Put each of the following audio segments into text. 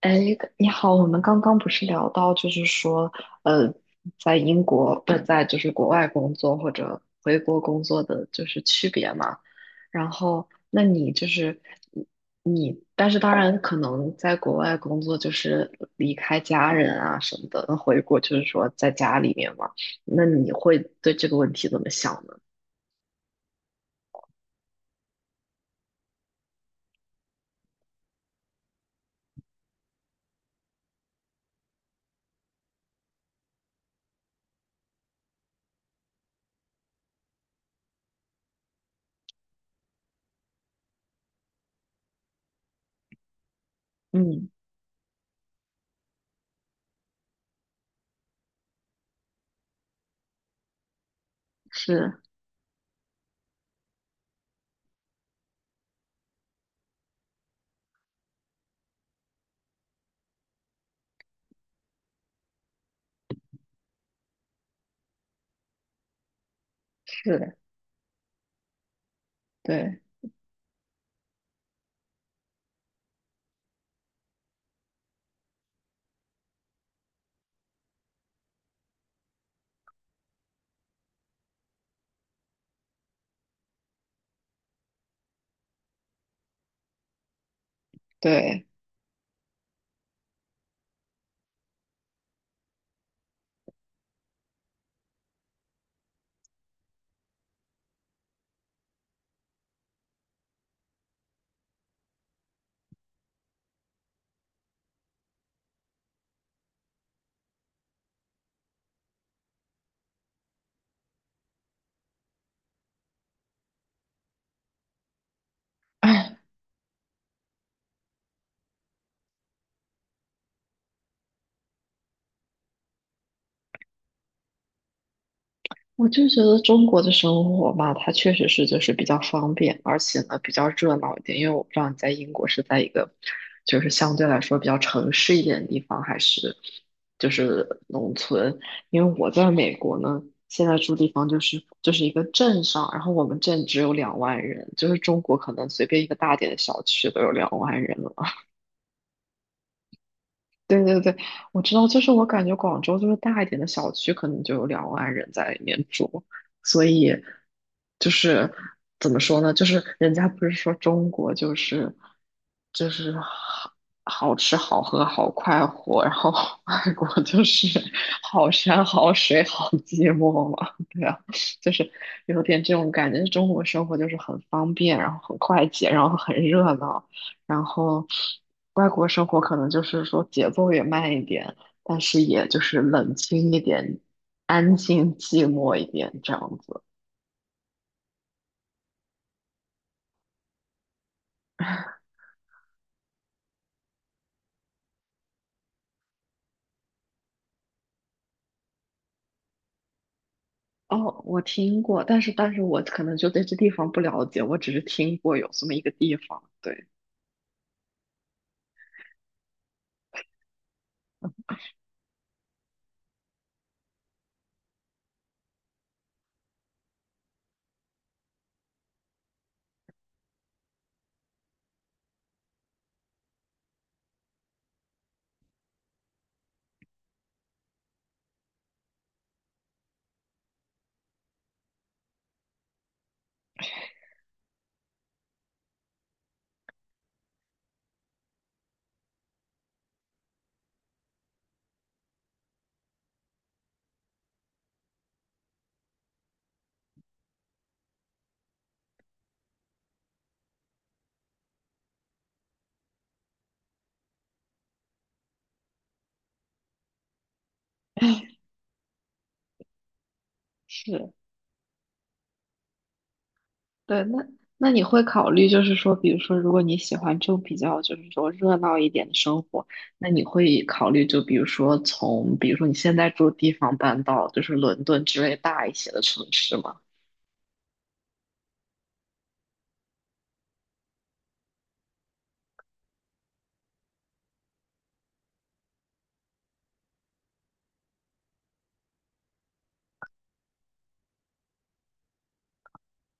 哎，你好，我们刚刚不是聊到，就是说，呃，在英国不是在就是国外工作或者回国工作的就是区别嘛？然后，那你就是你，你但是当然可能在国外工作就是离开家人啊什么的，那回国就是说在家里面嘛。那你会对这个问题怎么想呢？嗯，是，是的，对对，我就觉得中国的生活吧，它确实是就是比较方便，而且呢比较热闹一点。因为我不知道你在英国是在一个就是相对来说比较城市一点的地方，还是就是农村。因为我在美国呢，现在住地方就是一个镇上，然后我们镇只有两万人，就是中国可能随便一个大点的小区都有两万人了。对对对，我知道，就是我感觉广州就是大一点的小区，可能就有两万人在里面住，所以就是怎么说呢？就是人家不是说中国就是好好吃好喝好快活，然后 外国就是好山好水好寂寞嘛，对啊，就是有点这种感觉。中国生活就是很方便，然后很快捷，然后很热闹。然后外国生活可能就是说节奏也慢一点，但是也就是冷清一点，安静寂寞一点这样子。哦，我听过，但是我可能就对这地方不了解，我只是听过有这么一个地方。对，是，对，那你会考虑，就是说，比如说，如果你喜欢这种比较，就是说热闹一点的生活，那你会考虑，就比如说从，比如说你现在住的地方搬到就是伦敦之类大一些的城市吗？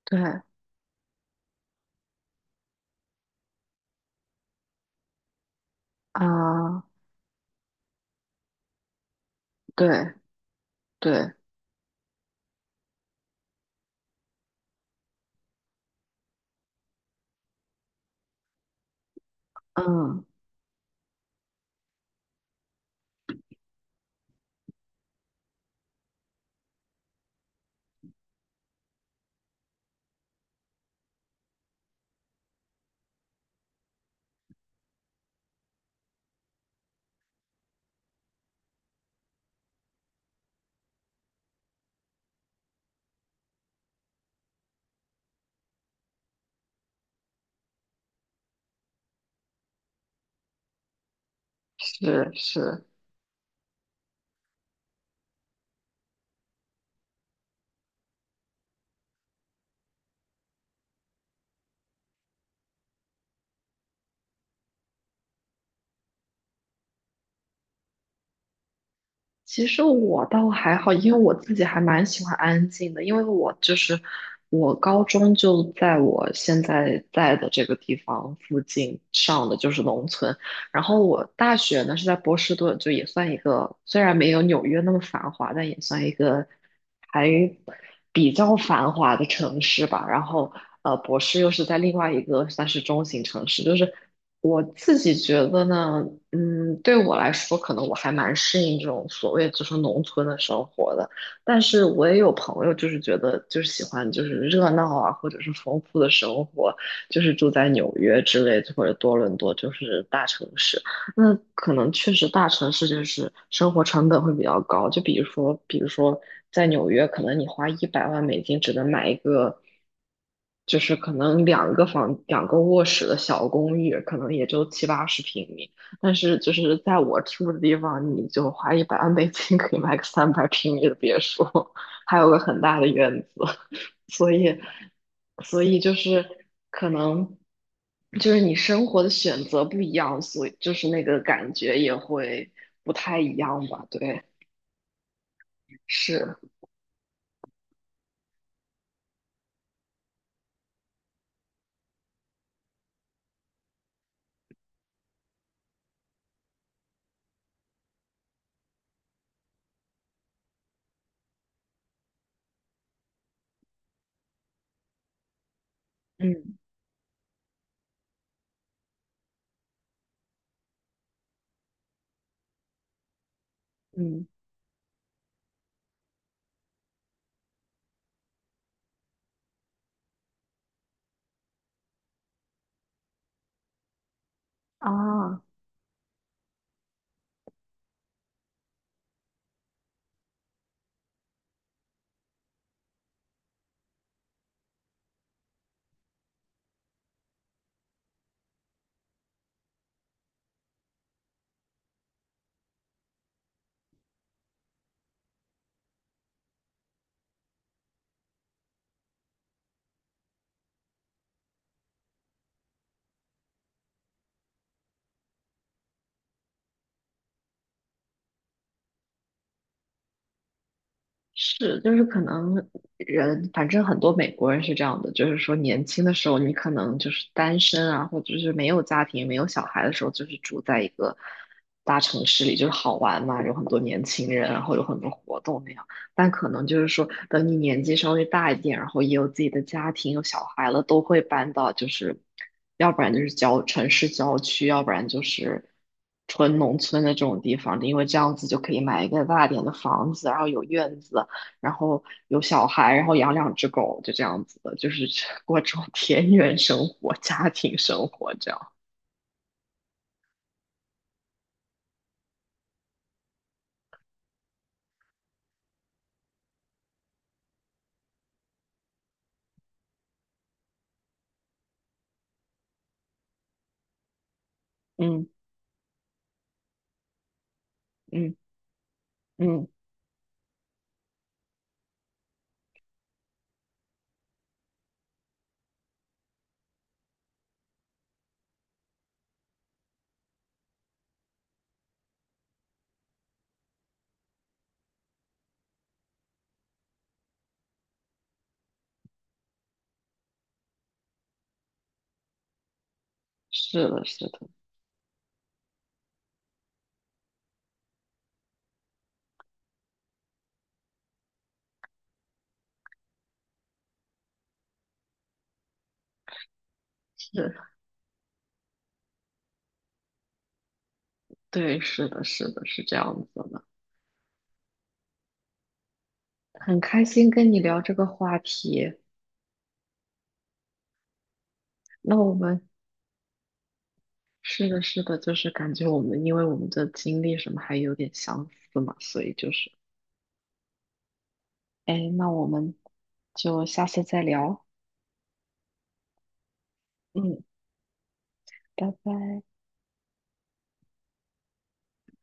对，啊，对对，嗯，是是。其实我倒还好，因为我自己还蛮喜欢安静的，因为我就是我高中就在我现在在的这个地方附近上的，就是农村。然后我大学呢是在波士顿，就也算一个，虽然没有纽约那么繁华，但也算一个还比较繁华的城市吧。然后博士又是在另外一个算是中型城市，就是。我自己觉得呢，对我来说，可能我还蛮适应这种所谓就是农村的生活的。但是我也有朋友，就是觉得就是喜欢就是热闹啊，或者是丰富的生活，就是住在纽约之类的或者多伦多，就是大城市。那可能确实大城市就是生活成本会比较高，就比如说，比如说在纽约，可能你花一百万美金只能买一个，就是可能两个房、两个卧室的小公寓，可能也就七八十平米。但是就是在我住的地方，你就花一百万美金可以买个300平米的别墅，还有个很大的院子。所以，所以就是可能就是你生活的选择不一样，所以就是那个感觉也会不太一样吧？对，是，嗯嗯。啊。是，就是可能人，反正很多美国人是这样的，就是说年轻的时候你可能就是单身啊，或者是没有家庭、没有小孩的时候，就是住在一个大城市里，就是好玩嘛，有很多年轻人啊，然后有很多活动那样。但可能就是说，等你年纪稍微大一点，然后也有自己的家庭、有小孩了，都会搬到就是，要不然就是城市郊区，要不然就是纯农村的这种地方，因为这样子就可以买一个大点的房子，然后有院子。然后有小孩，然后养两只狗，就这样子的，就是 过这种田园生活、家庭生活这样。嗯嗯嗯，是的，是的，是，对，是的，是的，是这样子的。很开心跟你聊这个话题。那我们是的，是的，就是感觉我们因为我们的经历什么还有点相似嘛，所以就是，哎，那我们就下次再聊。嗯，拜拜。